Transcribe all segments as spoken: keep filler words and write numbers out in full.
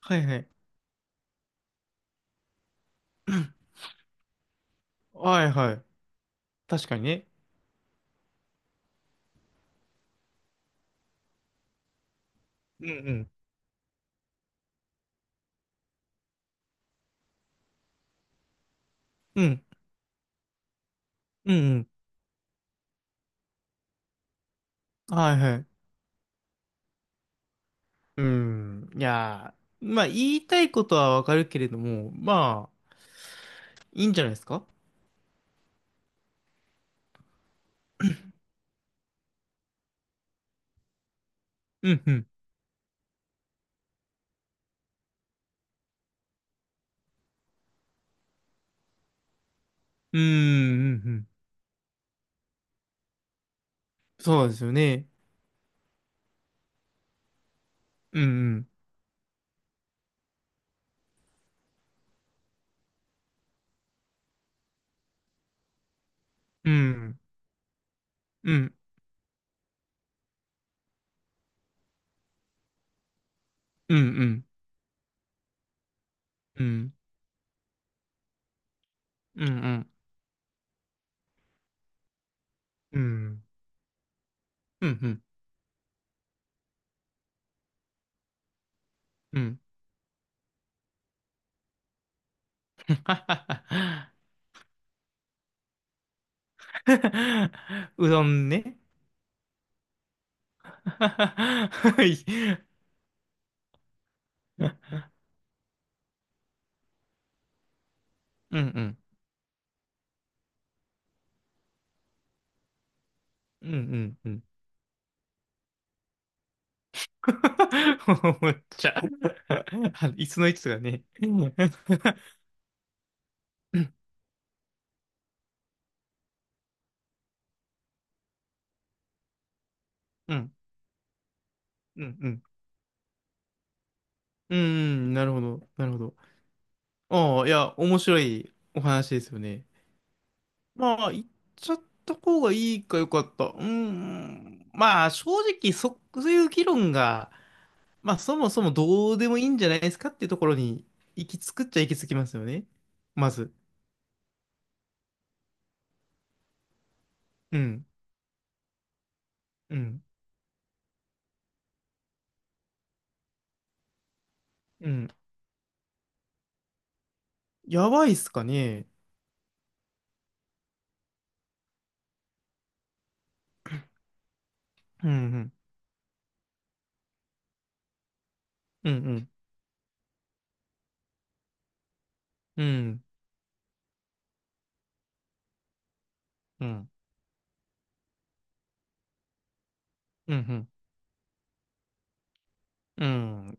はいはい。はいはい。確かにね。うんうん。うんうんうん。はいはい。うん。いやー、まあ言いたいことはわかるけれども、まあ、いいんじゃないですか。うんうん。うんうんうん。そうですよね。うんうん。うん。うんうんうん。うんうんうん。うんうん。うん。うどんね。はい。うんうん。うんうんうん。むっちゃ。あの椅子の位置がね。うん、うん、うん、うん。うーん、うんなるほど、なるほど。ああ、いや、面白いお話ですよね。まあ、言っちゃった方がいいか、よかった。うーん、まあ、正直、そ、そういう議論が、まあ、そもそもどうでもいいんじゃないですかっていうところに、行き着くっちゃ行き着きますよね。まず。うん、うん、うん。やばいっすかね。うん、うん、うん、うん、うん。うんうん、うん、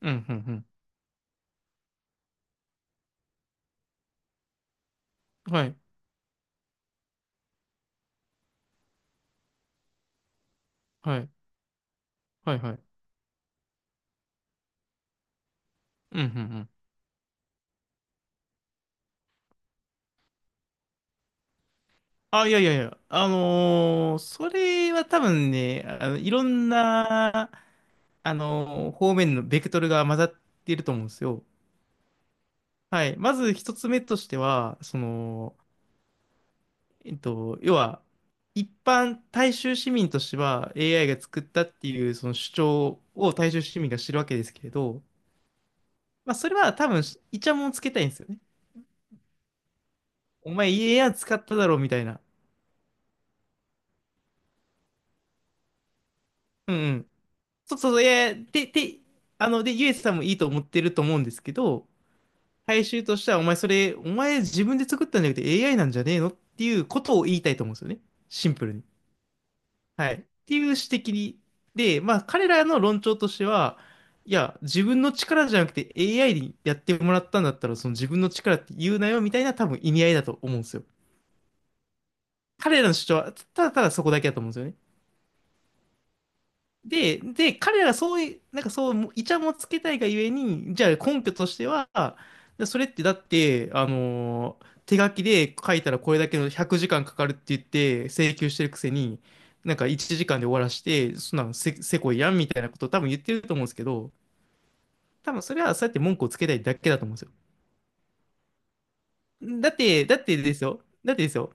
うん、うん、うん、うんはい、はい、はい、はい、うん、うん、うん。あ、いやいやいや、あのーそれは多分ね、あの、いろんな、あのー方面のベクトルが混ざっていると思うんですよ。はい。まず一つ目としては、その、えっと、要は、一般大衆市民としては エーアイ が作ったっていうその主張を大衆市民が知るわけですけれど、まあそれは多分イチャモンつけたいんですよね。お前 エーアイ 使っただろみたいな。うんうん。そうそうそう、いやいや、で、で、あの、で、ゆえさんもいいと思ってると思うんですけど、回収としては、お前それ、お前自分で作ったんじゃなくて エーアイ なんじゃねえのっていうことを言いたいと思うんですよね。シンプルに。はい。っていう指摘に。で、まあ、彼らの論調としては、いや、自分の力じゃなくて エーアイ にやってもらったんだったら、その自分の力って言うなよみたいな、多分意味合いだと思うんですよ。彼らの主張は、ただただそこだけだと思うんですよね。で、で、彼らがそういう、なんかそう、イチャもんつけたいがゆえに、じゃあ根拠としては、でそれってだって、あのー手書きで書いたらこれだけのひゃくじかんかんかかるって言って請求してるくせに、なんかいちじかんで終わらして、そんなのせ、せこいやんみたいなことを多分言ってると思うんですけど、多分それはそうやって文句をつけたいだけだと思うんですよ。だって、だってですよ。だってですよ。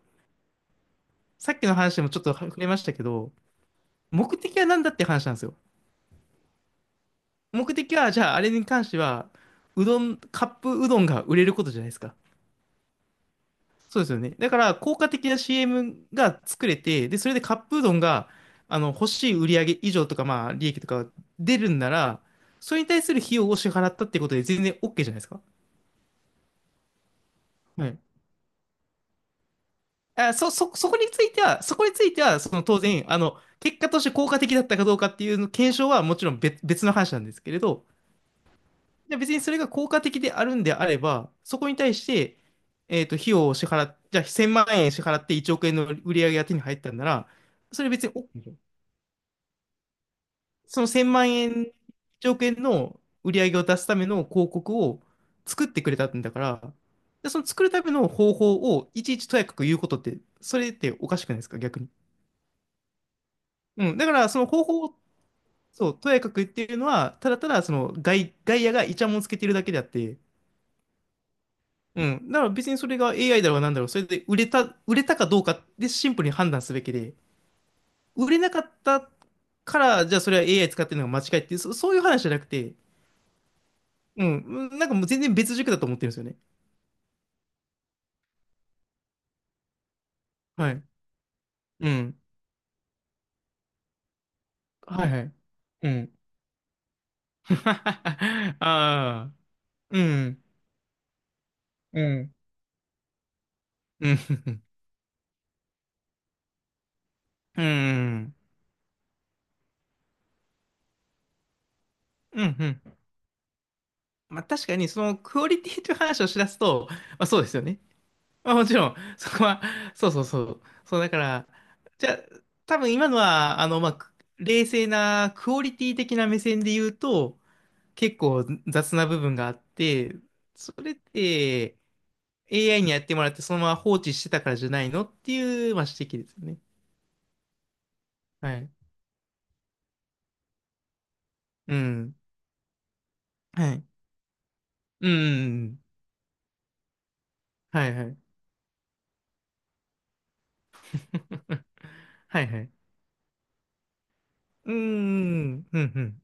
さっきの話でもちょっと触れましたけど、目的は何だって話なんですよ。目的は、じゃあ、あれに関しては、うどん、カップうどんが売れることじゃないですか。そうですよね。だから、効果的な シーエム が作れて、で、それでカップうどんが、あの、欲しい売上以上とか、まあ、利益とか出るんなら、それに対する費用を支払ったってことで全然 OK じゃないですか。はい。あ、そ、そ、そこについては、そこについては、その当然、あの、結果として効果的だったかどうかっていうの検証はもちろん別、別の話なんですけれど、で、別にそれが効果的であるんであれば、そこに対して、えっと、費用を支払っ、じゃあいっせんまん円支払っていちおく円の売り上げが手に入ったんなら、それ別にお、そのいっせんまん円、いちおく円の売り上げを出すための広告を作ってくれたんだから、で、その作るための方法をいちいちとやかく言うことって、それっておかしくないですか、逆に。うん、だからその方法を、そう、とやかく言っているのは、ただただその外、外野がイチャモンつけてるだけであって、うん。だから別にそれが エーアイ だろうなんだろう、それで売れた、売れたかどうかでシンプルに判断すべきで、売れなかったから、じゃあそれは エーアイ 使ってるのが間違いっていう、そ、そういう話じゃなくて、うん。うんなんかもう全然別軸だと思ってるんですよね。はい。うん。はいはい。うん。ああ。うん。うん。うん。うん。うん。うん。まあ確かにそのクオリティという話をしだすと、まあそうですよね。あ、もちろん、そこは、そうそうそう。そう、だから、じゃあ、多分今のは、あの、まあ、く冷静なクオリティ的な目線で言うと、結構雑な部分があって、それって エーアイ にやってもらってそのまま放置してたからじゃないのっていう、まあ、指摘ですよね。はい。うん。はい。うん。はいはい。はいはい。うん。うんうん。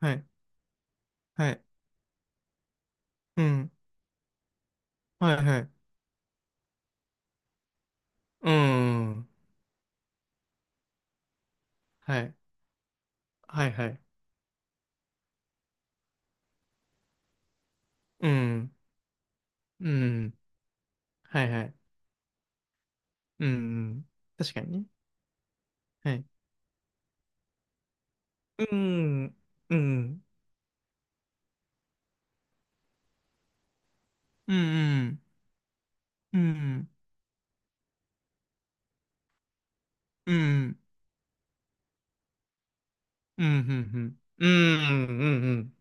はい。はい。うん。はいはい。うん。はい。はいはい。うん。うん。はいはい。うん。確かにね。はい。うん。うん。うん。うん。うん。うん。うん。うん。うん。うん。うん。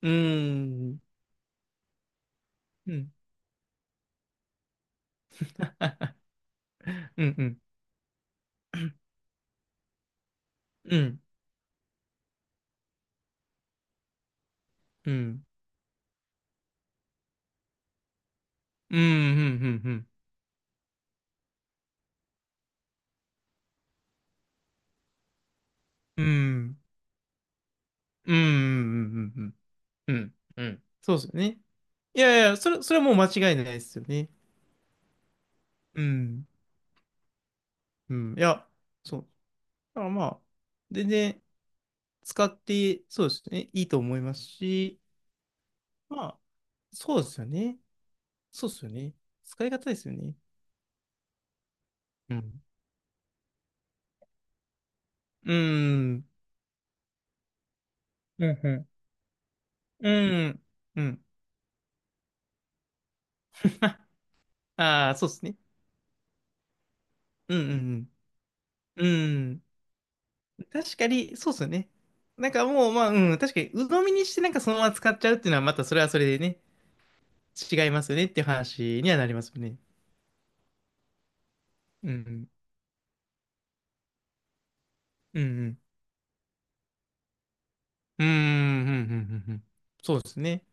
うん。うん。うん。うん。うん。うん。うん。うん。うん。そうですよね。いやいや、それ、それはもう間違いないですよね。うん。うん。いや、そう。だからまあ、全然、使って、そうですね、いいと思いますし、まあ、そうですよね。そうですよね。使い方ですよね。うん。うん。うん、うん。うん。うん。ああ、そうですね。うん、うん、うん。うん。確かに、そうですよね。なんかもう、まあ、うん、確かに、鵜呑みにしてなんかそのまま使っちゃうっていうのは、またそれはそれでね、違いますよねっていう話にはなりますよね。うん、うん、うん、うん。うん、うん、うん、うんうんうん。そうですね。